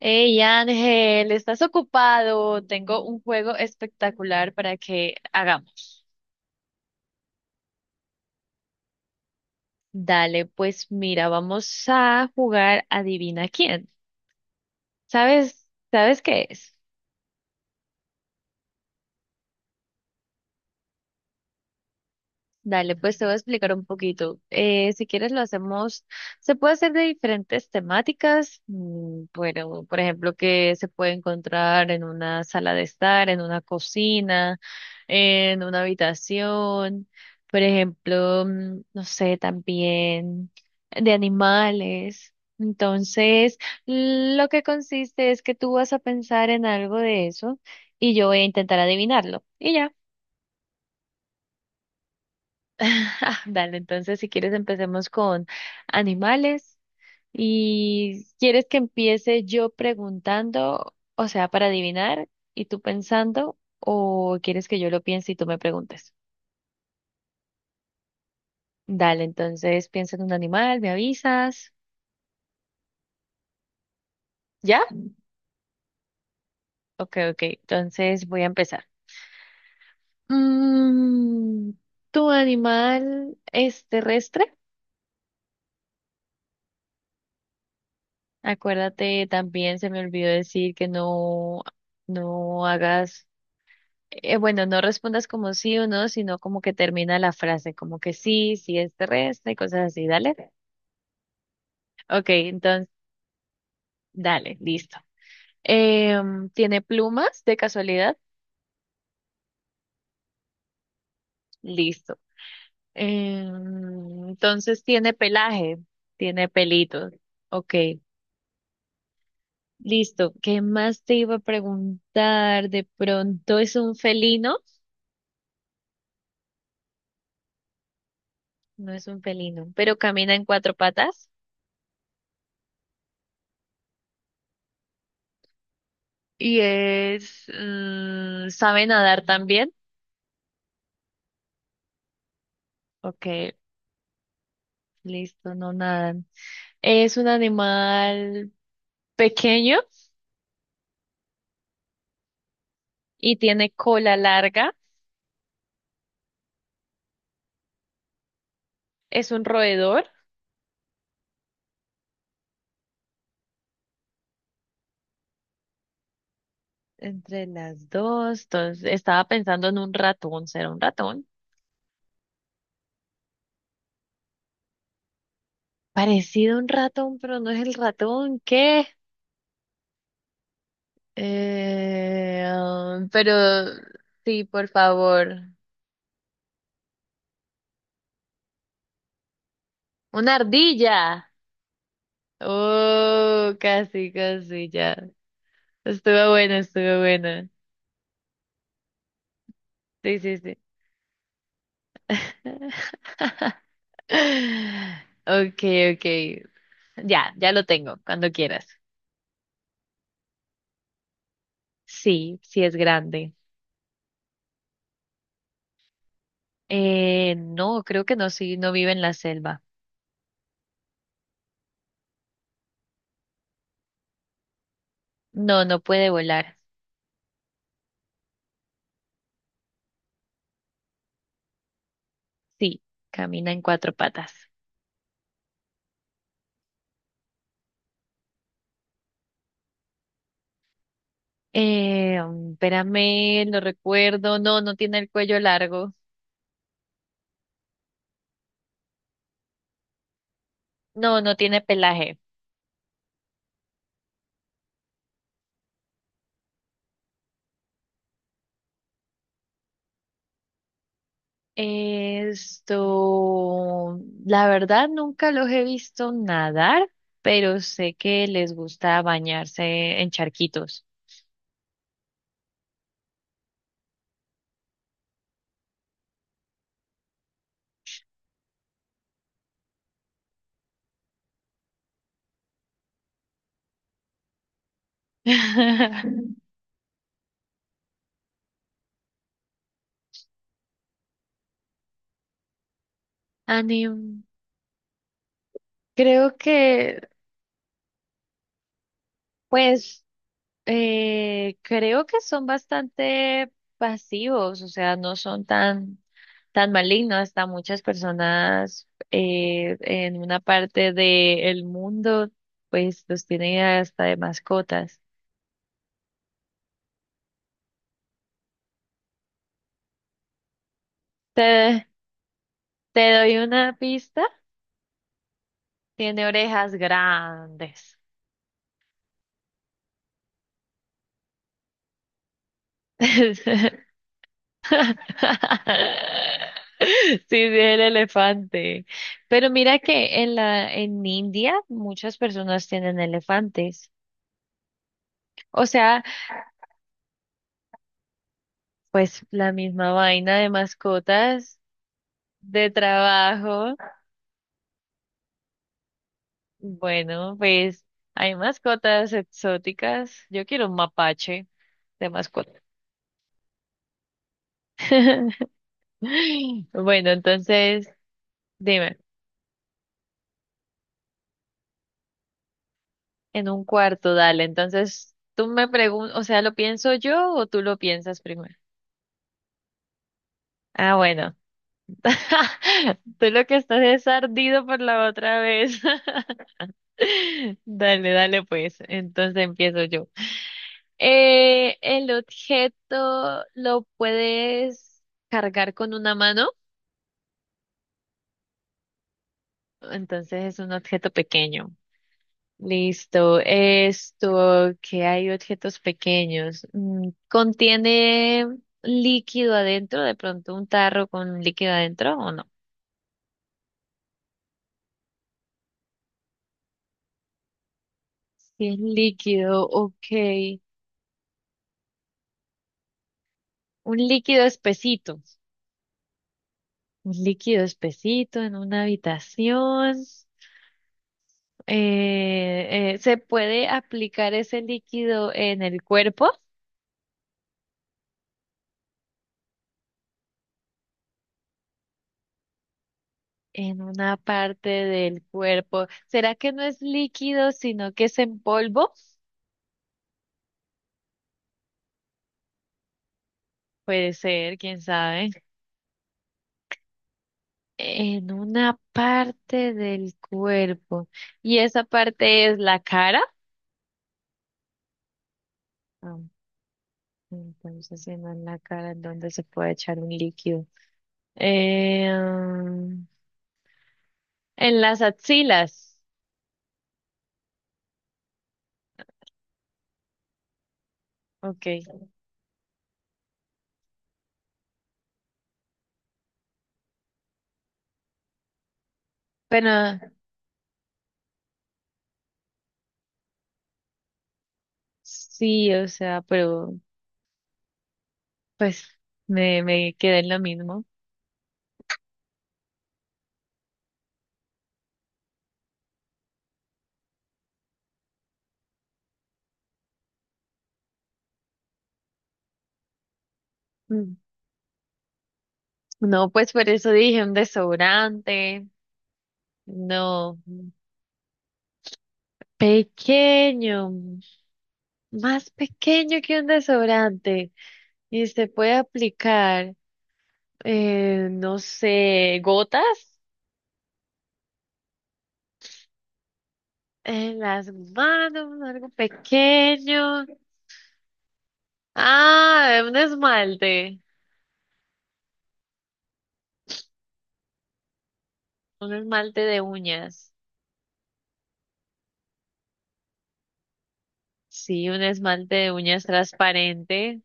Hey Ángel, ¿estás ocupado? Tengo un juego espectacular para que hagamos. Dale, pues mira, vamos a jugar Adivina quién. ¿Sabes? ¿Sabes qué es? Dale, pues te voy a explicar un poquito. Si quieres lo hacemos, se puede hacer de diferentes temáticas. Bueno, por ejemplo, que se puede encontrar en una sala de estar, en una cocina, en una habitación. Por ejemplo, no sé, también de animales. Entonces, lo que consiste es que tú vas a pensar en algo de eso y yo voy a intentar adivinarlo. Y ya. Dale, entonces si quieres empecemos con animales y quieres que empiece yo preguntando, o sea, para adivinar y tú pensando, o quieres que yo lo piense y tú me preguntes. Dale, entonces piensa en un animal, me avisas. ¿Ya? Ok, ok, entonces voy a empezar. Mm, ¿Tu animal es terrestre? Acuérdate, también se me olvidó decir que no, no hagas bueno, no respondas como sí o no, sino como que termina la frase, como que sí, sí es terrestre y cosas así, dale. Ok, entonces, dale, listo. ¿Tiene plumas de casualidad? Listo. Entonces, ¿tiene pelaje? Tiene pelitos. Ok, listo. ¿Qué más te iba a preguntar? De pronto, ¿es un felino? No es un felino, pero camina en cuatro patas y es, ¿sabe nadar también? Ok, listo, no nadan. Es un animal pequeño y tiene cola larga. Es un roedor. Entre las dos. Entonces, estaba pensando en un ratón. ¿Será un ratón? Parecido a un ratón, pero no es el ratón. ¿Qué? Pero sí, por favor. Una ardilla. Oh, casi, casi, ya. Estuvo buena, estuvo buena. Sí, sí, sí. Okay, okay. Ya, ya lo tengo, cuando quieras. Sí, sí es grande. No, creo que no, sí, no vive en la selva. No, no puede volar. Sí, camina en cuatro patas. Espérame, lo recuerdo. No, no tiene el cuello largo. No, no tiene pelaje. Esto, la verdad, nunca los he visto nadar, pero sé que les gusta bañarse en charquitos. Anim, creo que, pues, creo que son bastante pasivos, o sea, no son tan, tan malignos. Hasta muchas personas en una parte del mundo, pues, los tienen hasta de mascotas. Te, Te doy una pista, tiene orejas grandes. Sí, sí, el elefante. Pero mira que en en India muchas personas tienen elefantes. O sea, pues la misma vaina de mascotas, de trabajo. Bueno, pues hay mascotas exóticas. Yo quiero un mapache de mascota. Bueno, entonces, dime, en un cuarto, dale. Entonces, tú me preguntas, o sea, ¿lo pienso yo o tú lo piensas primero? Ah, bueno. Tú lo que estás es ardido por la otra vez. Dale, dale pues. Entonces empiezo yo. El objeto lo puedes cargar con una mano, entonces es un objeto pequeño. Listo. Esto, que hay objetos pequeños. Contiene líquido adentro, de pronto un tarro con líquido adentro o no. Si es líquido, ok. Un líquido espesito. Un líquido espesito en una habitación. Se puede aplicar ese líquido en el cuerpo, en una parte del cuerpo. ¿Será que no es líquido, sino que es en polvo? Puede ser, quién sabe. En una parte del cuerpo. ¿Y esa parte es la cara? Ah, entonces, si no es la cara, ¿en dónde se puede echar un líquido? Eh, mm, en las axilas. Ok. Bueno, sí, o sea, pero pues me quedé en lo mismo. Mm. No, pues por eso dije un desodorante, no, pequeño, más pequeño que un desodorante. Y se puede aplicar, no sé, gotas en las manos, algo pequeño. Ah, un esmalte de uñas. Sí, un esmalte de uñas transparente.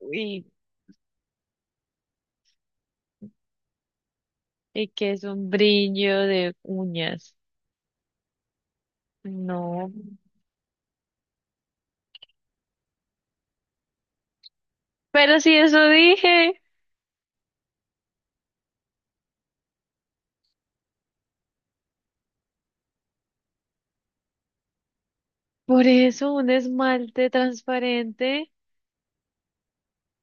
Y, y que es un brillo de uñas. No. Pero si eso dije. Por eso un esmalte transparente.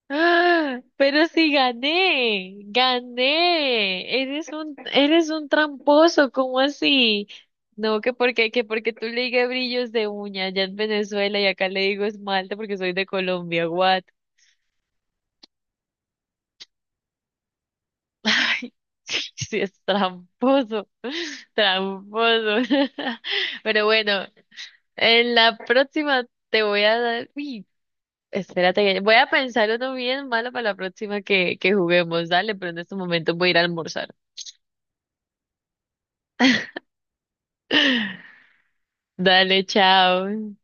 ¡Ah! Pero si gané, gané. Eres un tramposo, ¿cómo así? No, que porque tú le digas brillos de uña allá en Venezuela y acá le digo esmalte porque soy de Colombia, what? Ay, sí, sí, es tramposo, tramposo. Pero bueno, en la próxima te voy a dar. Uy, espérate, que- voy a pensar uno bien malo para la próxima que juguemos. Dale, pero en estos momentos voy a ir a almorzar. Dale, chao.